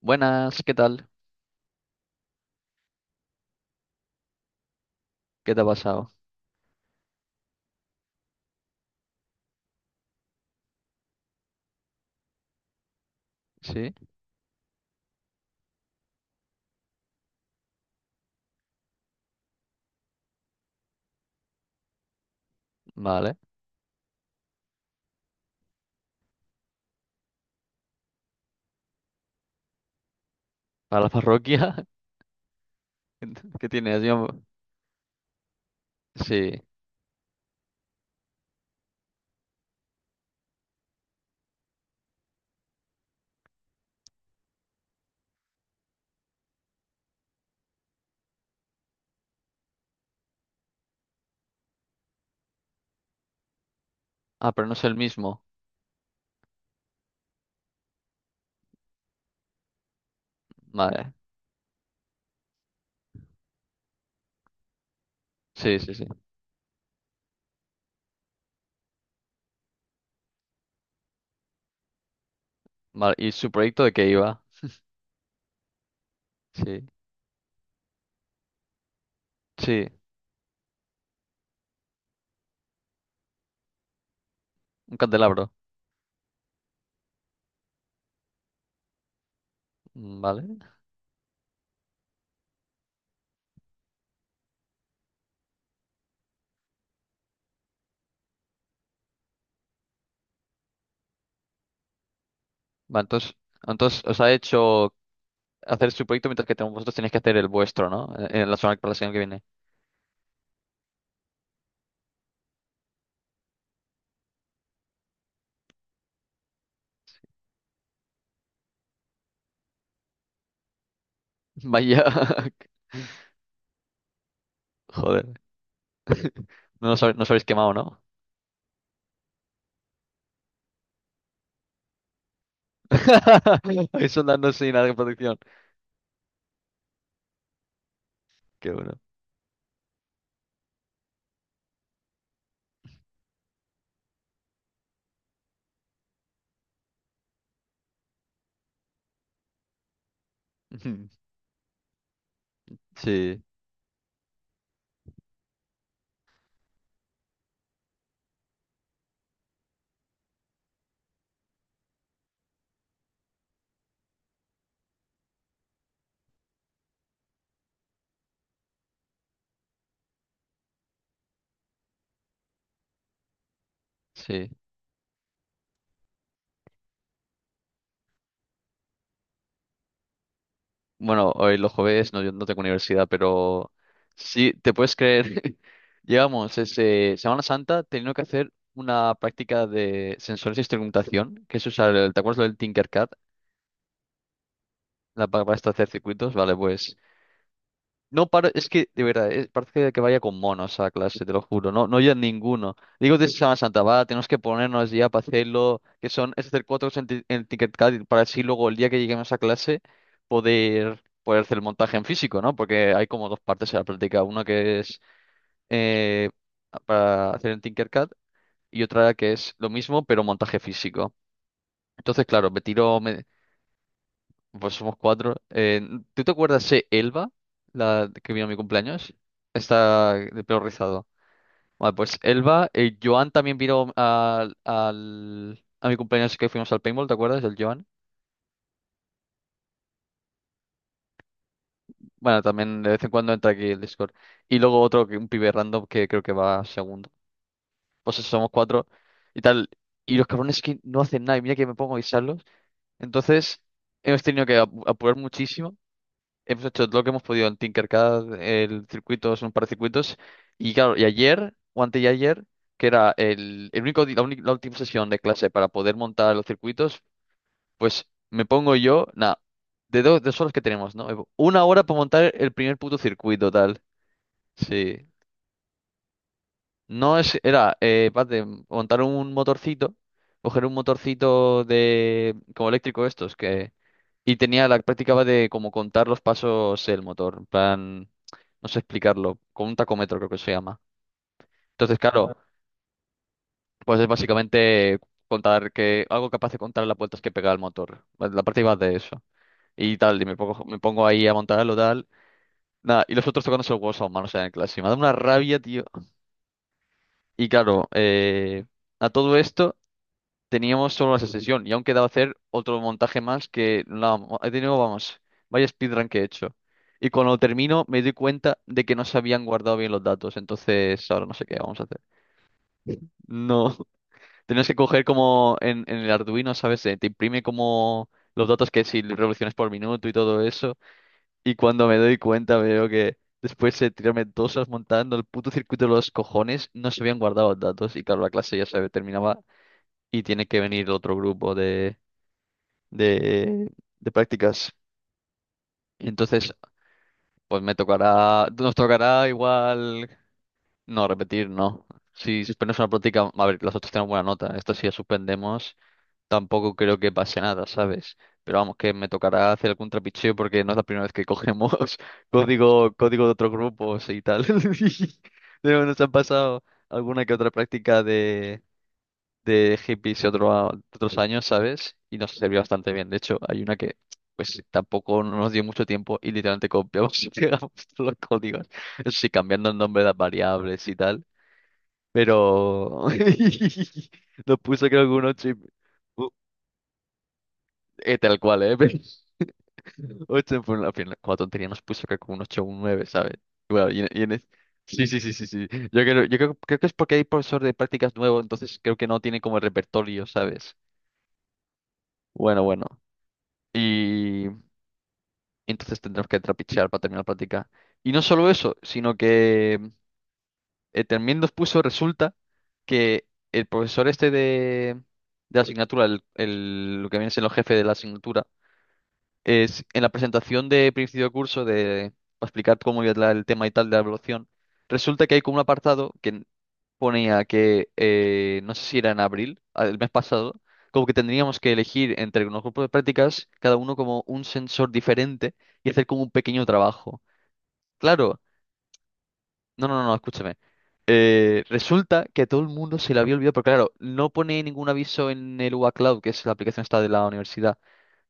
Buenas, ¿qué tal? ¿Qué te ha pasado? Sí, vale. ¿Para la parroquia? ¿Qué tienes? Sí. Ah, pero no es el mismo. Vale. Sí, sí, sí. Vale. ¿Y su proyecto de qué iba? Sí. Sí, un candelabro. Vale. Vale, entonces os ha hecho hacer su proyecto mientras que vosotros tenéis que hacer el vuestro, ¿no? En la semana, para la semana que viene. Vaya. Joder. No os habéis quemado, ¿no? Ahí soldando sin nada de protección. Qué bueno. Sí, sí. Bueno, hoy los jueves no, yo no tengo universidad, pero sí, te puedes creer. Llevamos ese Semana Santa teniendo que hacer una práctica de sensores de instrumentación, que es usar ¿te acuerdas lo del Tinkercad? Para esto hacer circuitos, vale, pues no, para, es que, de verdad, parece que vaya con monos a clase, te lo juro. No, no hay ninguno. Digo de Semana Santa, va, tenemos que ponernos ya para hacerlo, que son, es hacer cuatro cosas en Tinkercad para así luego el día que lleguemos a clase poder hacer el montaje en físico, ¿no? Porque hay como dos partes en la práctica. Una que es eh, para hacer en Tinkercad y otra que es lo mismo, pero montaje físico. Entonces, claro, me tiro, pues somos cuatro. ¿Tú te acuerdas de Elba, la que vino a mi cumpleaños? Está de pelo rizado. Vale, pues Elba, Joan también vino a mi cumpleaños que fuimos al paintball, ¿te acuerdas? El Joan. Bueno, también de vez en cuando entra aquí el Discord. Y luego otro, un pibe random que creo que va segundo. Pues eso, somos cuatro y tal. Y los cabrones que no hacen nada, y mira que me pongo a avisarlos. Entonces, hemos tenido que apurar muchísimo. Hemos hecho todo lo que hemos podido en Tinkercad, el circuito, son un par de circuitos. Y claro, y ayer, o antes de ayer, que era el único, la última sesión de clase para poder montar los circuitos, pues me pongo yo, nada, de dos horas que tenemos, ¿no? Una hora para montar el primer puto circuito, tal. Sí. No era, paz de montar un motorcito, coger un motorcito de, como eléctrico estos, que, y tenía la práctica de como contar los pasos el motor, en plan, no sé explicarlo, con un tacómetro creo que se llama. Entonces, claro, pues es básicamente contar algo capaz de contar las vueltas que pega el motor, pues la práctica va de eso. Y tal, y me pongo ahí a montarlo, tal. Nada, y los otros tocándose el hueso a mano, o sea, en clase. Y me da una rabia, tío. Y claro, a todo esto. Teníamos solo esa sesión y aún quedaba hacer otro montaje más que he tenido, vamos, vaya speedrun que he hecho. Y cuando termino me doy cuenta de que no se habían guardado bien los datos, entonces ahora no sé qué vamos a hacer. No, tenías que coger como en el Arduino, ¿sabes? Te imprime como los datos que si revoluciones por minuto y todo eso. Y cuando me doy cuenta veo que después de tirarme 2 horas montando el puto circuito de los cojones, no se habían guardado los datos. Y claro, la clase ya se terminaba y tiene que venir otro grupo de, de prácticas. Y entonces, pues me tocará, nos tocará igual, no, repetir, no. Si suspendemos una práctica, a ver, las otras tenemos buena nota. Esto si la suspendemos, tampoco creo que pase nada, ¿sabes? Pero vamos, que me tocará hacer algún trapicheo porque no es la primera vez que cogemos código de otros grupos y tal. Pero nos han pasado alguna que otra práctica de hippies de otros años, ¿sabes? Y nos sirvió bastante bien. De hecho, hay una que pues tampoco nos dio mucho tiempo y literalmente copiamos y pegamos todos los códigos. Eso sí, cambiando el nombre de las variables y tal. Pero nos puso creo que un 8 u- tal cual, ¿eh? Pero 8 en fue la final. Con tontería nos puso creo que un 8 o un nueve, ¿sabes? Bueno. Sí, sí, sí, sí, sí. Yo creo que es porque hay profesor de prácticas nuevo, entonces creo que no tiene como el repertorio, ¿sabes? Bueno, bueno. Y entonces tendremos que trapichear para terminar la práctica. Y no solo eso, sino que también nos puso, resulta que el profesor este de la asignatura, lo que viene siendo el jefe de la asignatura, es en la presentación de principio de curso de para explicar cómo iba el tema y tal de la evaluación, resulta que hay como un apartado que ponía que, no sé si era en abril, el mes pasado, como que tendríamos que elegir entre unos grupos de prácticas, cada uno como un sensor diferente y hacer como un pequeño trabajo. Claro, no, no, no, no, escúchame. Resulta que todo el mundo se le había olvidado, pero claro, no pone ningún aviso en el UA Cloud, que es la aplicación esta de la universidad.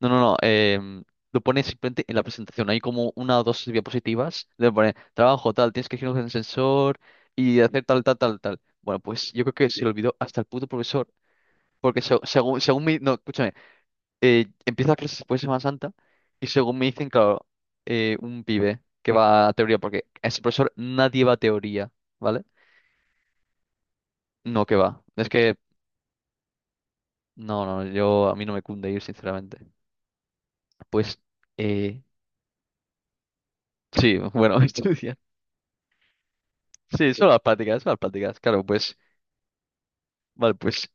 No, no, no, lo pone simplemente en la presentación. Hay como una o dos diapositivas, le pone trabajo tal, tienes que elegir un sensor y hacer tal, tal, tal, tal. Bueno, pues yo creo que se le olvidó hasta el puto profesor. Porque según mi. No, escúchame. Empieza clases después de Semana Santa y según me dicen, claro, un pibe que va a teoría, porque ese profesor nadie va a teoría, ¿vale? No, que va. Es que. No, no, yo a mí no me cunde ir, sinceramente. Pues. Eh, sí, bueno, estudiar. Sí, son las prácticas, son las prácticas. Claro, pues. Vale, pues.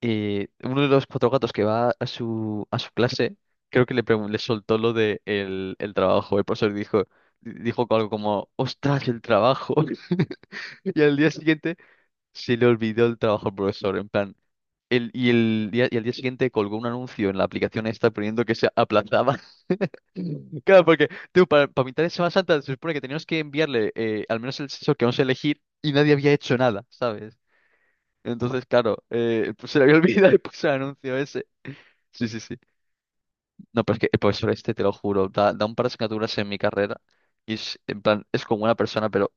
Y uno de los cuatro gatos que va a su clase, creo que le soltó lo de el trabajo. El profesor dijo algo como, ostras, el trabajo. Y al día siguiente se le olvidó el trabajo al profesor. En plan, el, y, el día, y al día siguiente colgó un anuncio en la aplicación esta poniendo que se aplazaba. Claro, porque tú, para mitad de Semana Santa se supone que teníamos que enviarle al menos el sexo que vamos a elegir y nadie había hecho nada, ¿sabes? Entonces, claro, pues se le había olvidado y puso el anuncio. Sí, sí, sí. No, pero es que el profesor este, te lo juro, da un par de asignaturas en mi carrera y es, en plan, es como una persona, pero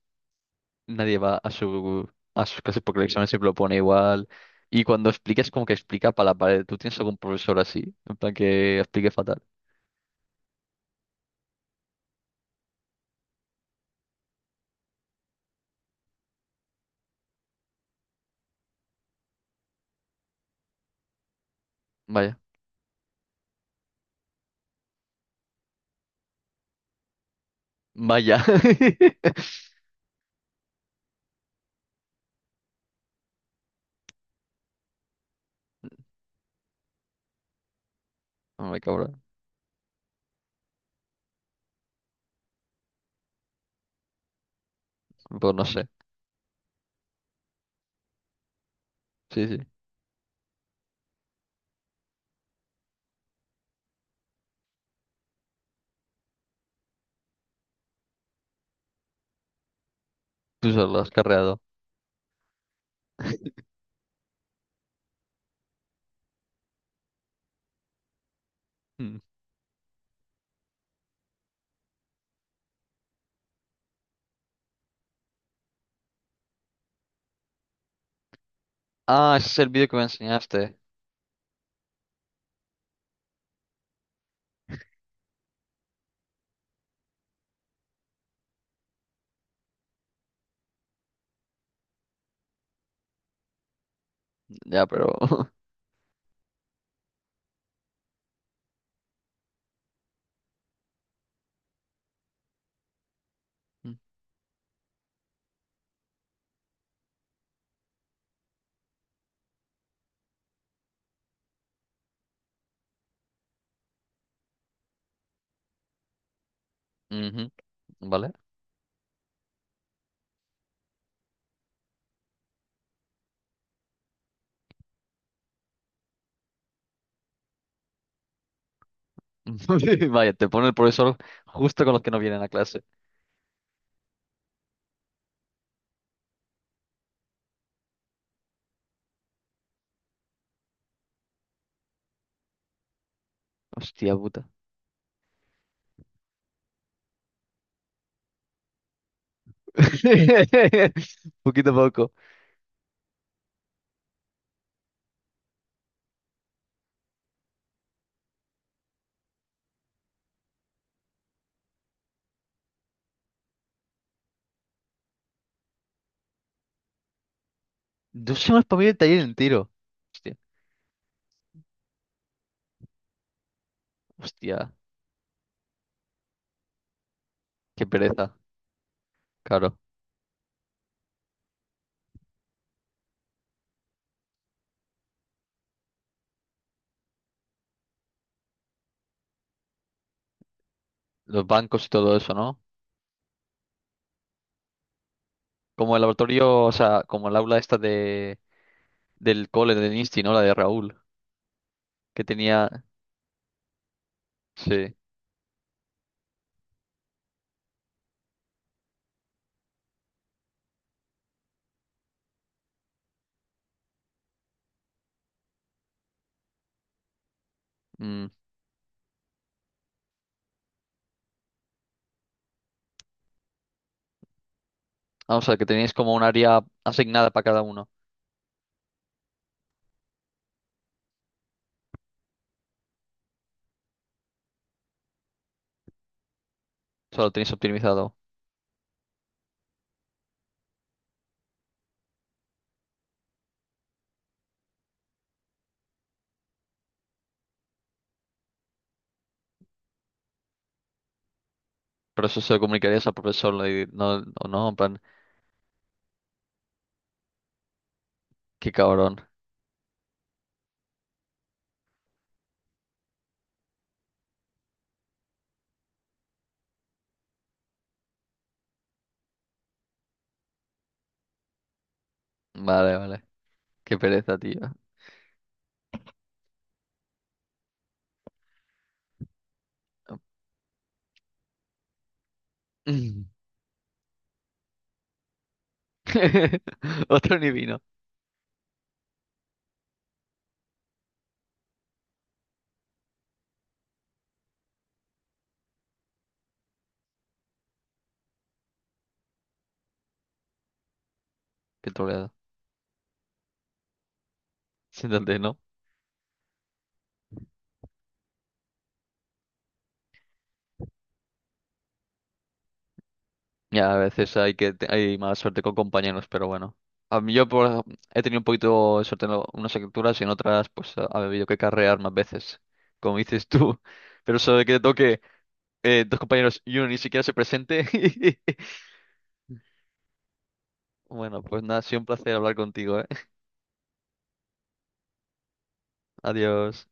nadie va a a sus clases porque el examen siempre lo pone igual. Y cuando explica es como que explica para la pared. ¿Tú tienes algún profesor así? En plan, que explique fatal. Vaya. Vaya. No me cabrón. Pues no sé. Sí, sí. Tú solo lo has carreado. Mm. Ah, ese es el vídeo que me enseñaste. Ya, pero. Mm. Ujú. Vale. Vaya, te pone el profesor justo con los que no vienen a clase. Hostia puta. Poquito a poco. 2 semanas para mí el taller entero. Hostia, hostia, qué pereza. Claro. Los bancos y todo eso, ¿no? Como el laboratorio, o sea, como el aula esta de del cole del Insti, ¿no? La de Raúl. Que tenía. Sí. Mm. Ah, o sea, que tenéis como un área asignada para cada uno. O sea, lo tenéis optimizado. Pero eso se lo comunicarías al profesor, no, o no, en plan, qué cabrón. Vale, vale. Qué pereza, tío. Otro ni vino. Qué troleada. Siéntate, ¿no? Ya, a veces hay hay mala suerte con compañeros, pero bueno. A mí yo he tenido un poquito de suerte en unas capturas y en otras pues ha habido que carrear más veces, como dices tú. Pero eso de que te toque dos compañeros y uno ni siquiera se presente. Bueno, pues nada, ha sido un placer hablar contigo, ¿eh? Adiós.